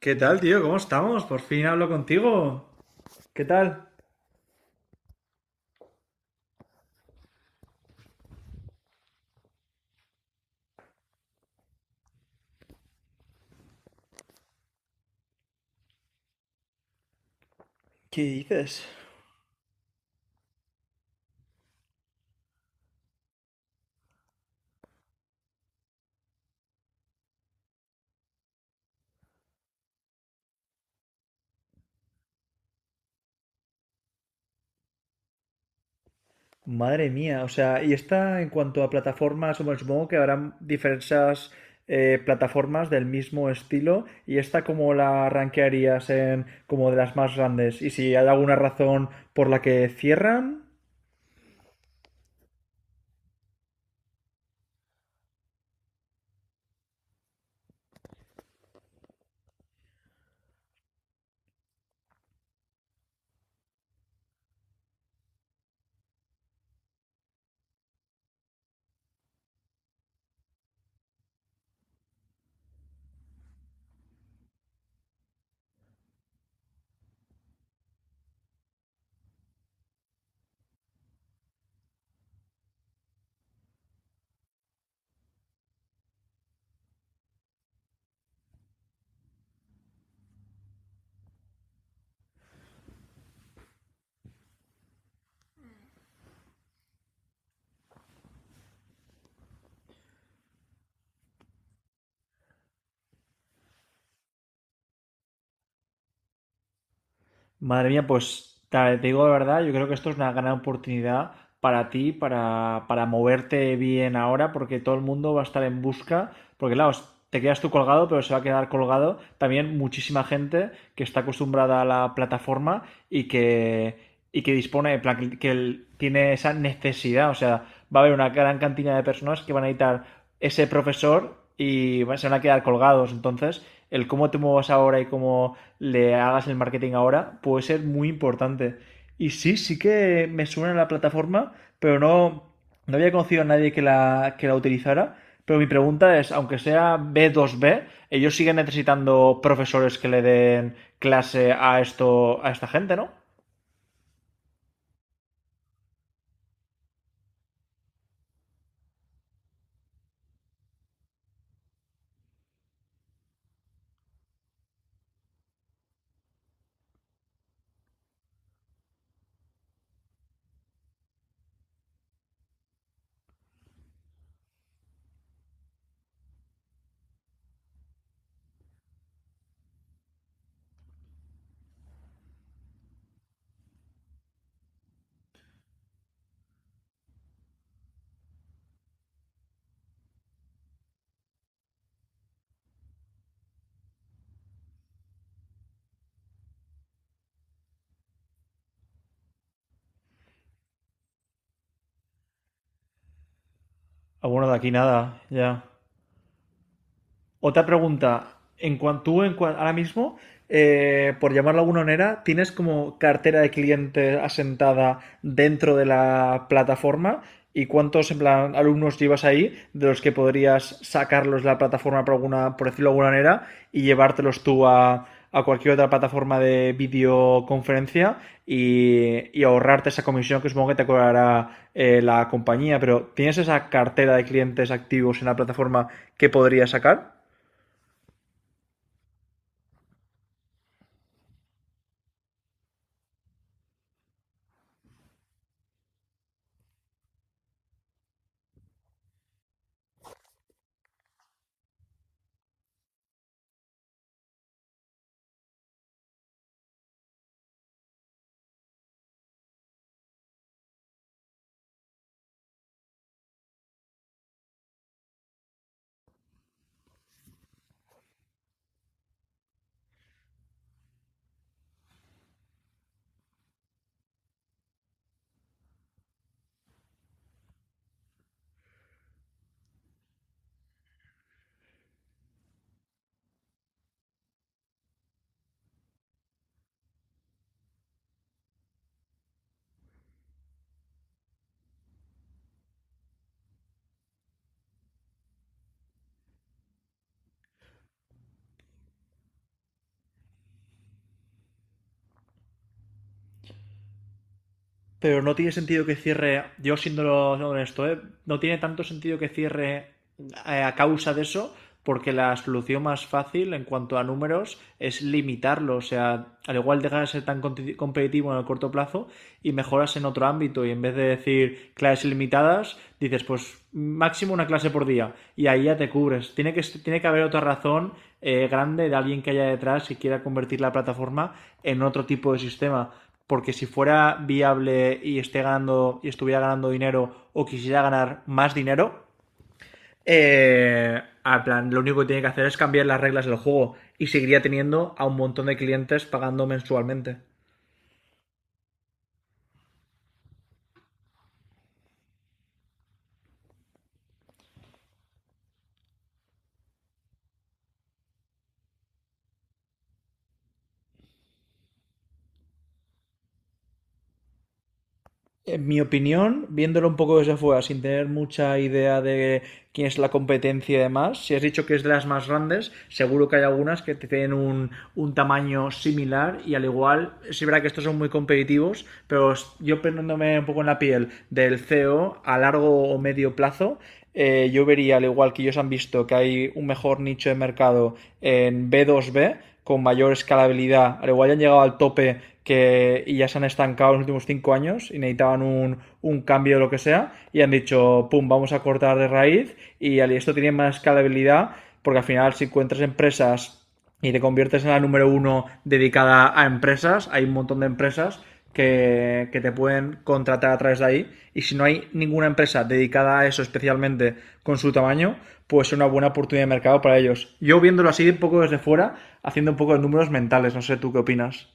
¿Qué tal, tío? ¿Cómo estamos? Por fin hablo contigo. ¿Qué tal? ¿Qué dices? Madre mía. O sea, y esta en cuanto a plataformas, bueno, supongo que habrán diversas plataformas del mismo estilo, y esta como la rankearías, en como de las más grandes, y si hay alguna razón por la que cierran. Madre mía, pues te digo la verdad, yo creo que esto es una gran oportunidad para ti, para moverte bien ahora, porque todo el mundo va a estar en busca, porque claro, te quedas tú colgado, pero se va a quedar colgado también muchísima gente que está acostumbrada a la plataforma y que, y que dispone, en plan, que tiene esa necesidad. O sea, va a haber una gran cantidad de personas que van a necesitar ese profesor y se van a quedar colgados. Entonces, el cómo te muevas ahora y cómo le hagas el marketing ahora puede ser muy importante. Y sí, sí que me suena la plataforma, pero no, no había conocido a nadie que que la utilizara. Pero mi pregunta es, aunque sea B2B, ellos siguen necesitando profesores que le den clase a esto, a esta gente, ¿no? A bueno, de aquí nada, ya. Otra pregunta. En cuanto ahora mismo, por llamarlo de alguna manera, ¿tienes como cartera de clientes asentada dentro de la plataforma? ¿Y cuántos en plan alumnos llevas ahí, de los que podrías sacarlos de la plataforma, por alguna, por decirlo de alguna manera, y llevártelos tú a cualquier otra plataforma de videoconferencia y ahorrarte esa comisión que supongo que te cobrará la compañía? Pero ¿tienes esa cartera de clientes activos en la plataforma que podrías sacar? Pero no tiene sentido que cierre, yo siendo honesto, ¿eh? No tiene tanto sentido que cierre a causa de eso, porque la solución más fácil en cuanto a números es limitarlo. O sea, al igual dejar de ser tan competitivo en el corto plazo y mejoras en otro ámbito. Y en vez de decir clases ilimitadas, dices pues máximo una clase por día y ahí ya te cubres. Tiene que haber otra razón grande, de alguien que haya detrás y quiera convertir la plataforma en otro tipo de sistema, porque si fuera viable y estuviera ganando dinero, o quisiera ganar más dinero, a plan, lo único que tiene que hacer es cambiar las reglas del juego, y seguiría teniendo a un montón de clientes pagando mensualmente. En mi opinión, viéndolo un poco desde afuera, sin tener mucha idea de quién es la competencia y demás, si has dicho que es de las más grandes, seguro que hay algunas que te tienen un tamaño similar y al igual, sí verá que estos son muy competitivos, pero yo poniéndome un poco en la piel del CEO a largo o medio plazo, yo vería, al igual que ellos han visto, que hay un mejor nicho de mercado en B2B con mayor escalabilidad. Al igual ya han llegado al tope que, y ya se han estancado en los últimos cinco años y necesitaban un cambio o lo que sea y han dicho, pum, vamos a cortar de raíz, y al esto tiene más escalabilidad, porque al final si encuentras empresas y te conviertes en la número uno dedicada a empresas. Hay un montón de empresas que te pueden contratar a través de ahí. Y si no hay ninguna empresa dedicada a eso especialmente con su tamaño, pues es una buena oportunidad de mercado para ellos. Yo viéndolo así un poco desde fuera, haciendo un poco de números mentales, no sé tú qué opinas.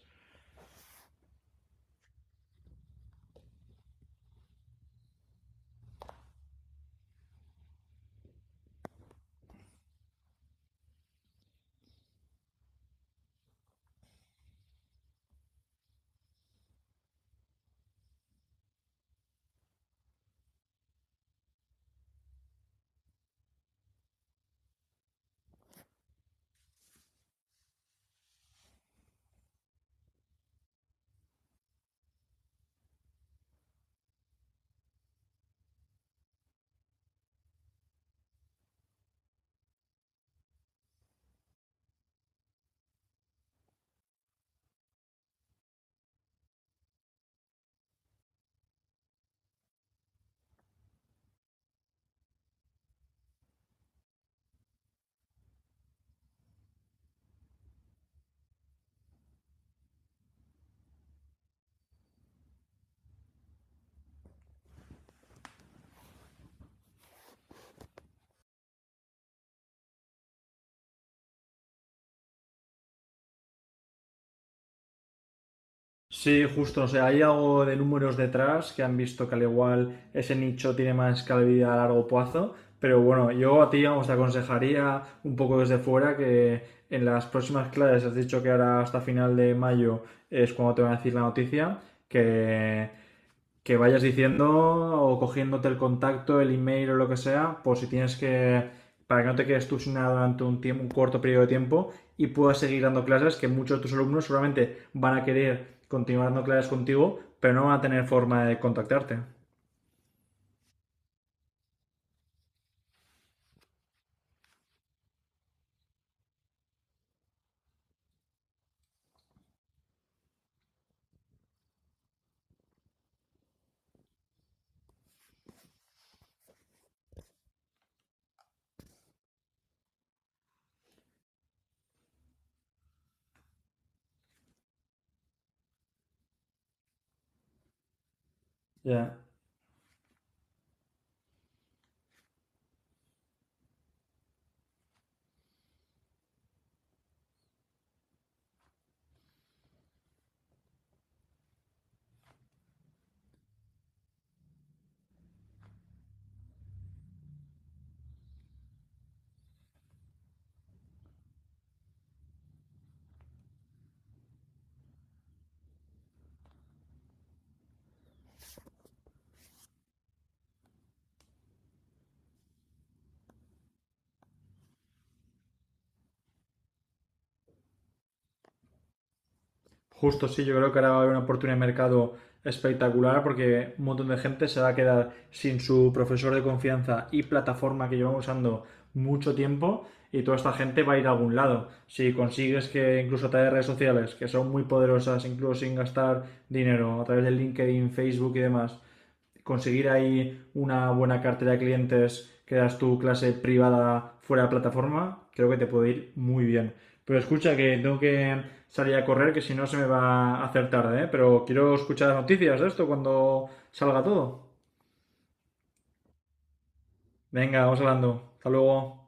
Sí, justo, o sea, hay algo de números detrás que han visto que al igual ese nicho tiene más calidad a largo plazo, pero bueno, yo a ti vamos, te aconsejaría un poco desde fuera que en las próximas clases, has dicho que ahora hasta final de mayo es cuando te van a decir la noticia, que que vayas diciendo o cogiéndote el contacto, el email o lo que sea, por si tienes que, para que no te quedes tú sin nada durante tiempo, un corto periodo de tiempo, y puedas seguir dando clases, que muchos de tus alumnos seguramente van a querer continuar dando clases contigo, pero no van a tener forma de contactarte. Ya. Yeah. Justo sí, yo creo que ahora va a haber una oportunidad de mercado espectacular, porque un montón de gente se va a quedar sin su profesor de confianza y plataforma que llevan usando mucho tiempo, y toda esta gente va a ir a algún lado. Si consigues que, incluso a través de redes sociales, que son muy poderosas, incluso sin gastar dinero, a través de LinkedIn, Facebook y demás, conseguir ahí una buena cartera de clientes que das tu clase privada fuera de plataforma, creo que te puede ir muy bien. Pero escucha, que tengo que salir a correr, que si no se me va a hacer tarde, ¿eh? Pero quiero escuchar las noticias de esto cuando salga todo. Venga, vamos hablando. Hasta luego.